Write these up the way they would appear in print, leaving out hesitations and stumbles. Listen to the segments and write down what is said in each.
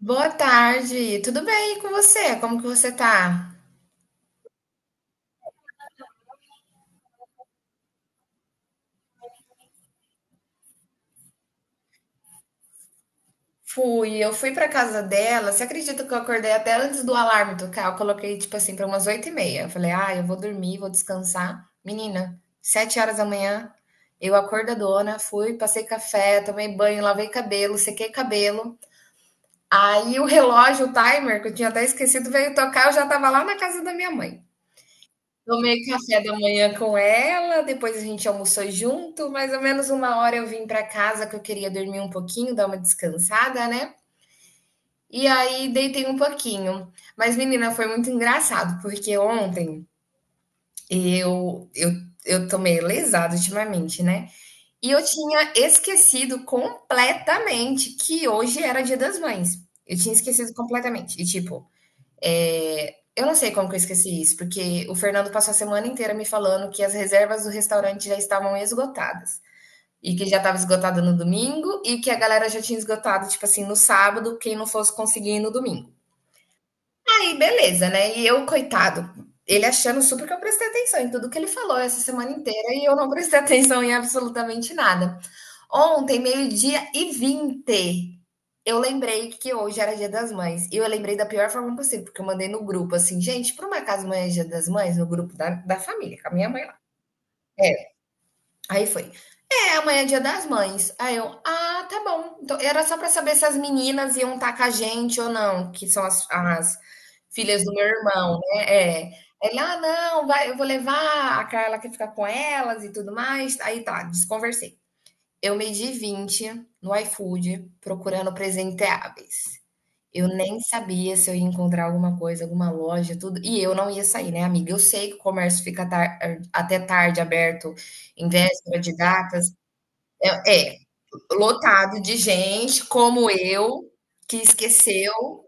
Boa tarde, tudo bem e com você? Como que você tá? Fui, eu fui pra casa dela. Você acredita que eu acordei até antes do alarme tocar? Eu coloquei tipo assim pra umas 8:30. Eu falei, ah, eu vou dormir, vou descansar. Menina, 7 horas da manhã, eu acordadona, fui, passei café, tomei banho, lavei cabelo, sequei cabelo. Aí o relógio, o timer, que eu tinha até esquecido, veio tocar. Eu já tava lá na casa da minha mãe. Tomei café da manhã com ela, depois a gente almoçou junto, mais ou menos 1 hora eu vim para casa que eu queria dormir um pouquinho, dar uma descansada, né? E aí deitei um pouquinho. Mas, menina, foi muito engraçado, porque ontem eu eu eu tô meio lesada ultimamente, né? E eu tinha esquecido completamente que hoje era Dia das Mães. Eu tinha esquecido completamente. E tipo, eu não sei como que eu esqueci isso, porque o Fernando passou a semana inteira me falando que as reservas do restaurante já estavam esgotadas. E que já estava esgotada no domingo e que a galera já tinha esgotado, tipo assim, no sábado, quem não fosse conseguir ir no domingo. Aí, beleza, né? E eu, coitado, ele achando super que eu prestei atenção em tudo que ele falou essa semana inteira e eu não prestei atenção em absolutamente nada. Ontem, 12:20. Eu lembrei que hoje era Dia das Mães. E eu lembrei da pior forma possível, porque eu mandei no grupo assim, gente, por uma casa amanhã é Dia das Mães? No grupo da família, com a minha mãe lá. É. Aí foi, amanhã é Dia das Mães. Aí eu, ah, tá bom. Então, era só pra saber se as meninas iam estar com a gente ou não, que são as filhas do meu irmão, né? É. Ele, ah, não, vai, eu vou levar a Carla que fica com elas e tudo mais. Aí tá, desconversei. Eu medi 20 no iFood procurando presenteáveis. Eu nem sabia se eu ia encontrar alguma coisa, alguma loja, tudo. E eu não ia sair, né, amiga? Eu sei que o comércio fica até tarde aberto em véspera de datas. É, é, lotado de gente como eu, que esqueceu,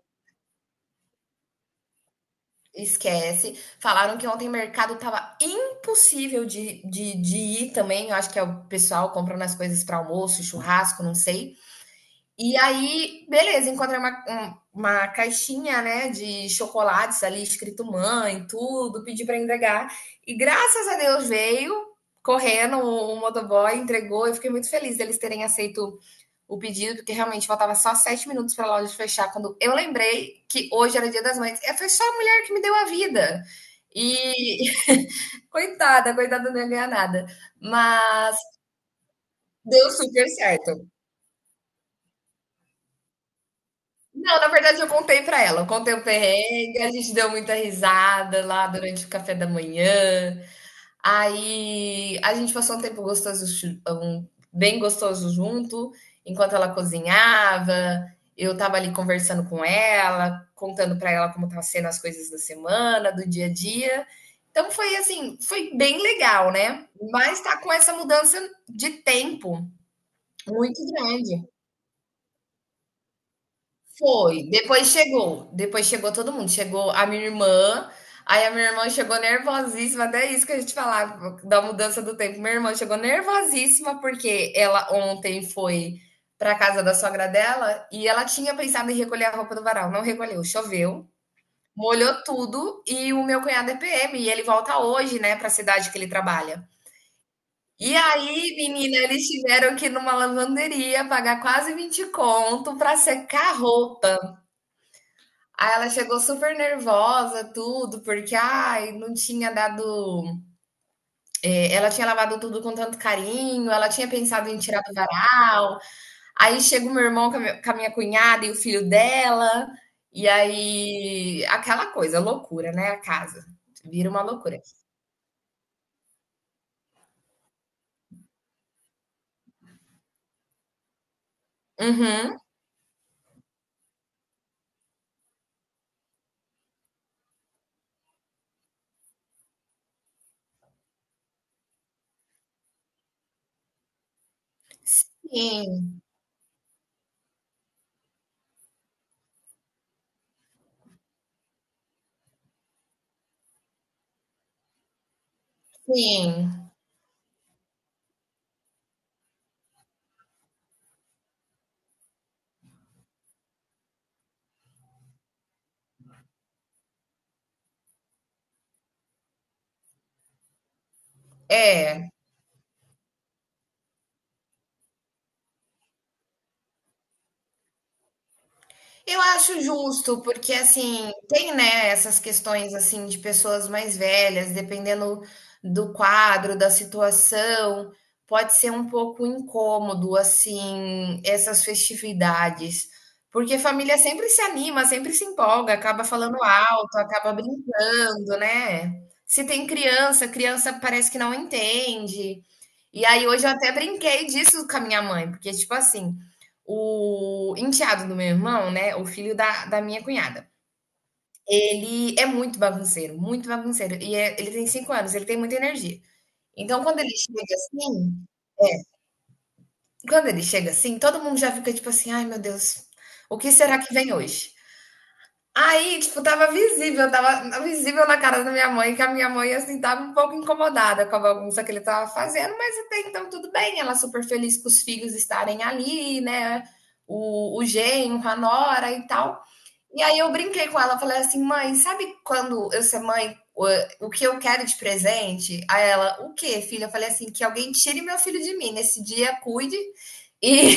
esquece. Falaram que ontem o mercado tava impossível de ir também. Eu acho que é o pessoal comprando as coisas para almoço, churrasco, não sei. E aí, beleza, encontrei uma caixinha, né, de chocolates ali, escrito mãe, tudo, pedi para entregar. E graças a Deus veio correndo o motoboy, entregou. Eu fiquei muito feliz deles terem aceito o pedido, porque realmente faltava só 7 minutos para a loja fechar. Quando eu lembrei que hoje era Dia das Mães, é, foi só a mulher que me deu a vida. E coitada, coitada, não ia ganhar nada. Mas deu super certo. Não, na verdade eu contei pra ela, eu contei o perrengue, a gente deu muita risada lá durante o café da manhã. Aí a gente passou um tempo gostoso, bem gostoso junto, enquanto ela cozinhava, eu tava ali conversando com ela, contando pra ela como tava sendo as coisas da semana, do dia a dia. Então foi assim, foi bem legal, né? Mas tá com essa mudança de tempo muito grande. Foi, depois chegou todo mundo, chegou a minha irmã, aí a minha irmã chegou nervosíssima, até isso que a gente falava da mudança do tempo. Minha irmã chegou nervosíssima porque ela ontem foi para casa da sogra dela e ela tinha pensado em recolher a roupa do varal, não recolheu, choveu, molhou tudo e o meu cunhado é PM e ele volta hoje, né, para a cidade que ele trabalha. E aí, menina, eles tiveram que ir numa lavanderia pagar quase 20 conto para secar a roupa. Aí ela chegou super nervosa, tudo, porque ai, não tinha dado. Ela tinha lavado tudo com tanto carinho, ela tinha pensado em tirar do varal. Aí chega o meu irmão com a minha cunhada e o filho dela. E aí, aquela coisa, loucura, né? A casa. Vira uma loucura. Uhum. Sim, sim. É. Eu acho justo, porque assim, tem, né, essas questões assim de pessoas mais velhas, dependendo do quadro, da situação, pode ser um pouco incômodo assim essas festividades, porque família sempre se anima, sempre se empolga, acaba falando alto, acaba brincando, né? Se tem criança, criança parece que não entende. E aí hoje eu até brinquei disso com a minha mãe, porque, tipo assim, o enteado do meu irmão, né, o filho da minha cunhada, ele é muito bagunceiro, e ele tem 5 anos, ele tem muita energia. Então quando ele chega assim, todo mundo já fica tipo assim: "Ai meu Deus, o que será que vem hoje?". Aí, tipo, tava visível na cara da minha mãe, que a minha mãe, assim, tava um pouco incomodada com a bagunça que ele tava fazendo, mas até então tudo bem, ela super feliz com os filhos estarem ali, né? O genro, a nora e tal. E aí eu brinquei com ela, falei assim, mãe, sabe quando eu ser mãe, o que eu quero de presente? Aí ela, o quê, filha? Eu falei assim, que alguém tire meu filho de mim, nesse dia cuide e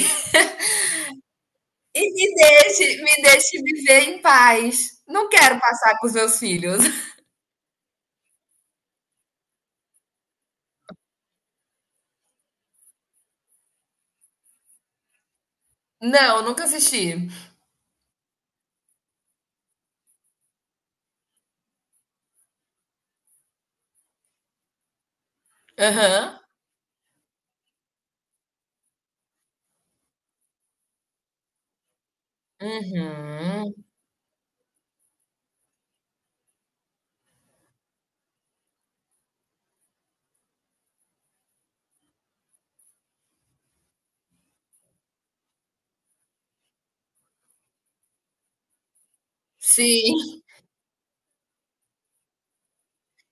e me deixe viver em paz. Não quero passar com os meus filhos. Não, nunca assisti. Aham. Uhum. Sim.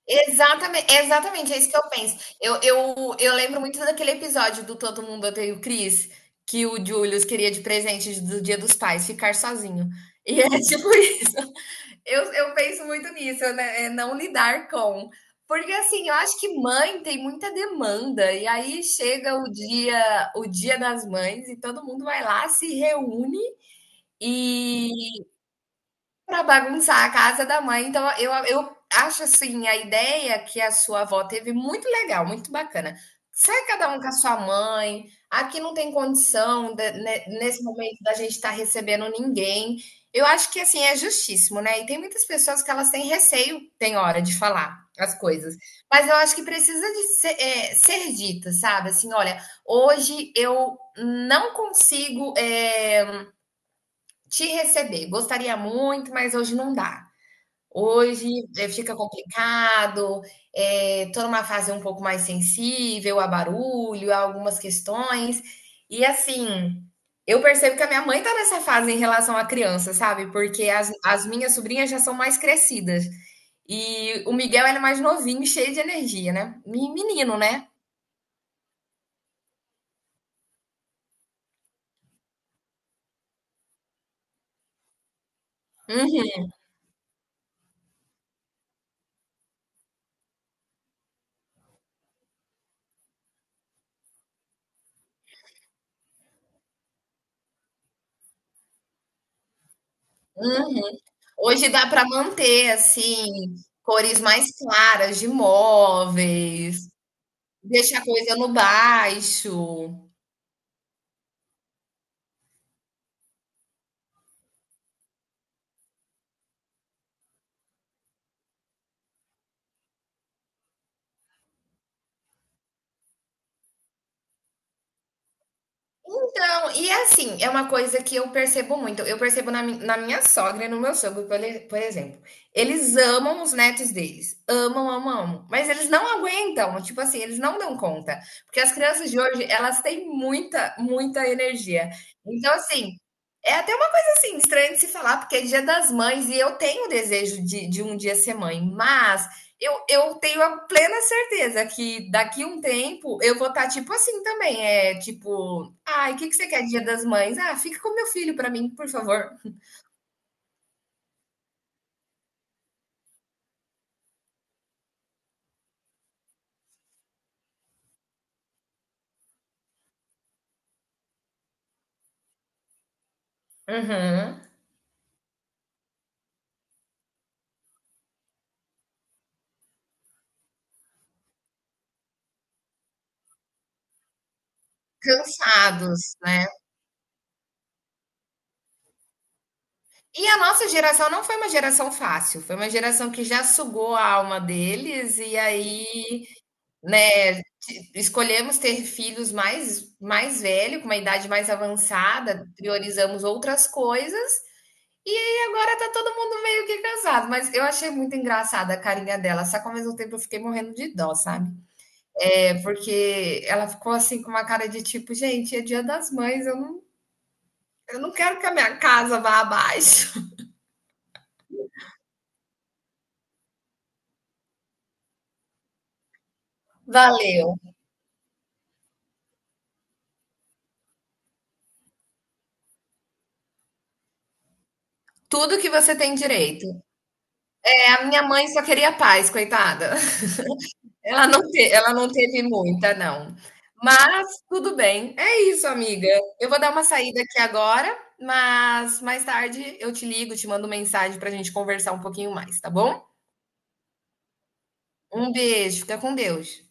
Exatamente, exatamente, é isso que eu penso. Eu lembro muito daquele episódio do Todo Mundo Odeia o Chris, que o Julius queria de presente do Dia dos Pais, ficar sozinho. E é tipo isso. Eu penso muito nisso, né? É não lidar com. Porque assim, eu acho que mãe tem muita demanda, e aí chega o dia das mães, e todo mundo vai lá, se reúne e para bagunçar a casa da mãe. Então eu acho, assim, a ideia que a sua avó teve muito legal, muito bacana. Sai cada um com a sua mãe, aqui não tem condição da ne nesse momento da gente estar recebendo ninguém. Eu acho que, assim, é justíssimo, né, e tem muitas pessoas que elas têm receio, tem hora, de falar as coisas. Mas eu acho que precisa de ser, ser dita, sabe, assim: "Olha, hoje eu não consigo, te receber, gostaria muito, mas hoje não dá". Hoje, fica complicado, tô numa fase um pouco mais sensível a barulho, a algumas questões. E assim, eu percebo que a minha mãe está nessa fase em relação à criança, sabe, porque as minhas sobrinhas já são mais crescidas. E o Miguel ele é mais novinho, cheio de energia, né. Me menino, né. Uhum, uhum. Hoje dá para manter, assim, cores mais claras de móveis, deixar a coisa no baixo. Então, e é assim, é uma coisa que eu percebo muito. Eu percebo na minha sogra e no meu sogro, por exemplo. Eles amam os netos deles. Amam, amam, amam. Mas eles não aguentam. Tipo assim, eles não dão conta. Porque as crianças de hoje, elas têm muita, muita energia. Então, assim, é até uma coisa assim, estranha de se falar, porque é dia das mães e eu tenho o desejo de um dia ser mãe. Mas eu tenho a plena certeza que daqui a um tempo eu vou estar tipo assim também. É tipo, ai, o que que você quer Dia das Mães? Ah, fica com meu filho para mim, por favor. Uhum. Cansados, né? E a nossa geração não foi uma geração fácil, foi uma geração que já sugou a alma deles e aí, né, escolhemos ter filhos mais velho, com uma idade mais avançada, priorizamos outras coisas. E aí agora tá todo mundo meio que cansado, mas eu achei muito engraçada a carinha dela, só que ao mesmo tempo eu fiquei morrendo de dó, sabe? É porque ela ficou assim com uma cara de tipo, gente, é Dia das Mães, eu não quero que a minha casa vá abaixo. Valeu. Tudo que você tem direito. É, a minha mãe só queria paz, coitada. Ela não teve muita, não. Mas tudo bem. É isso, amiga. Eu vou dar uma saída aqui agora, mas mais tarde eu te ligo, te mando mensagem para a gente conversar um pouquinho mais, tá bom? Um beijo, fica com Deus.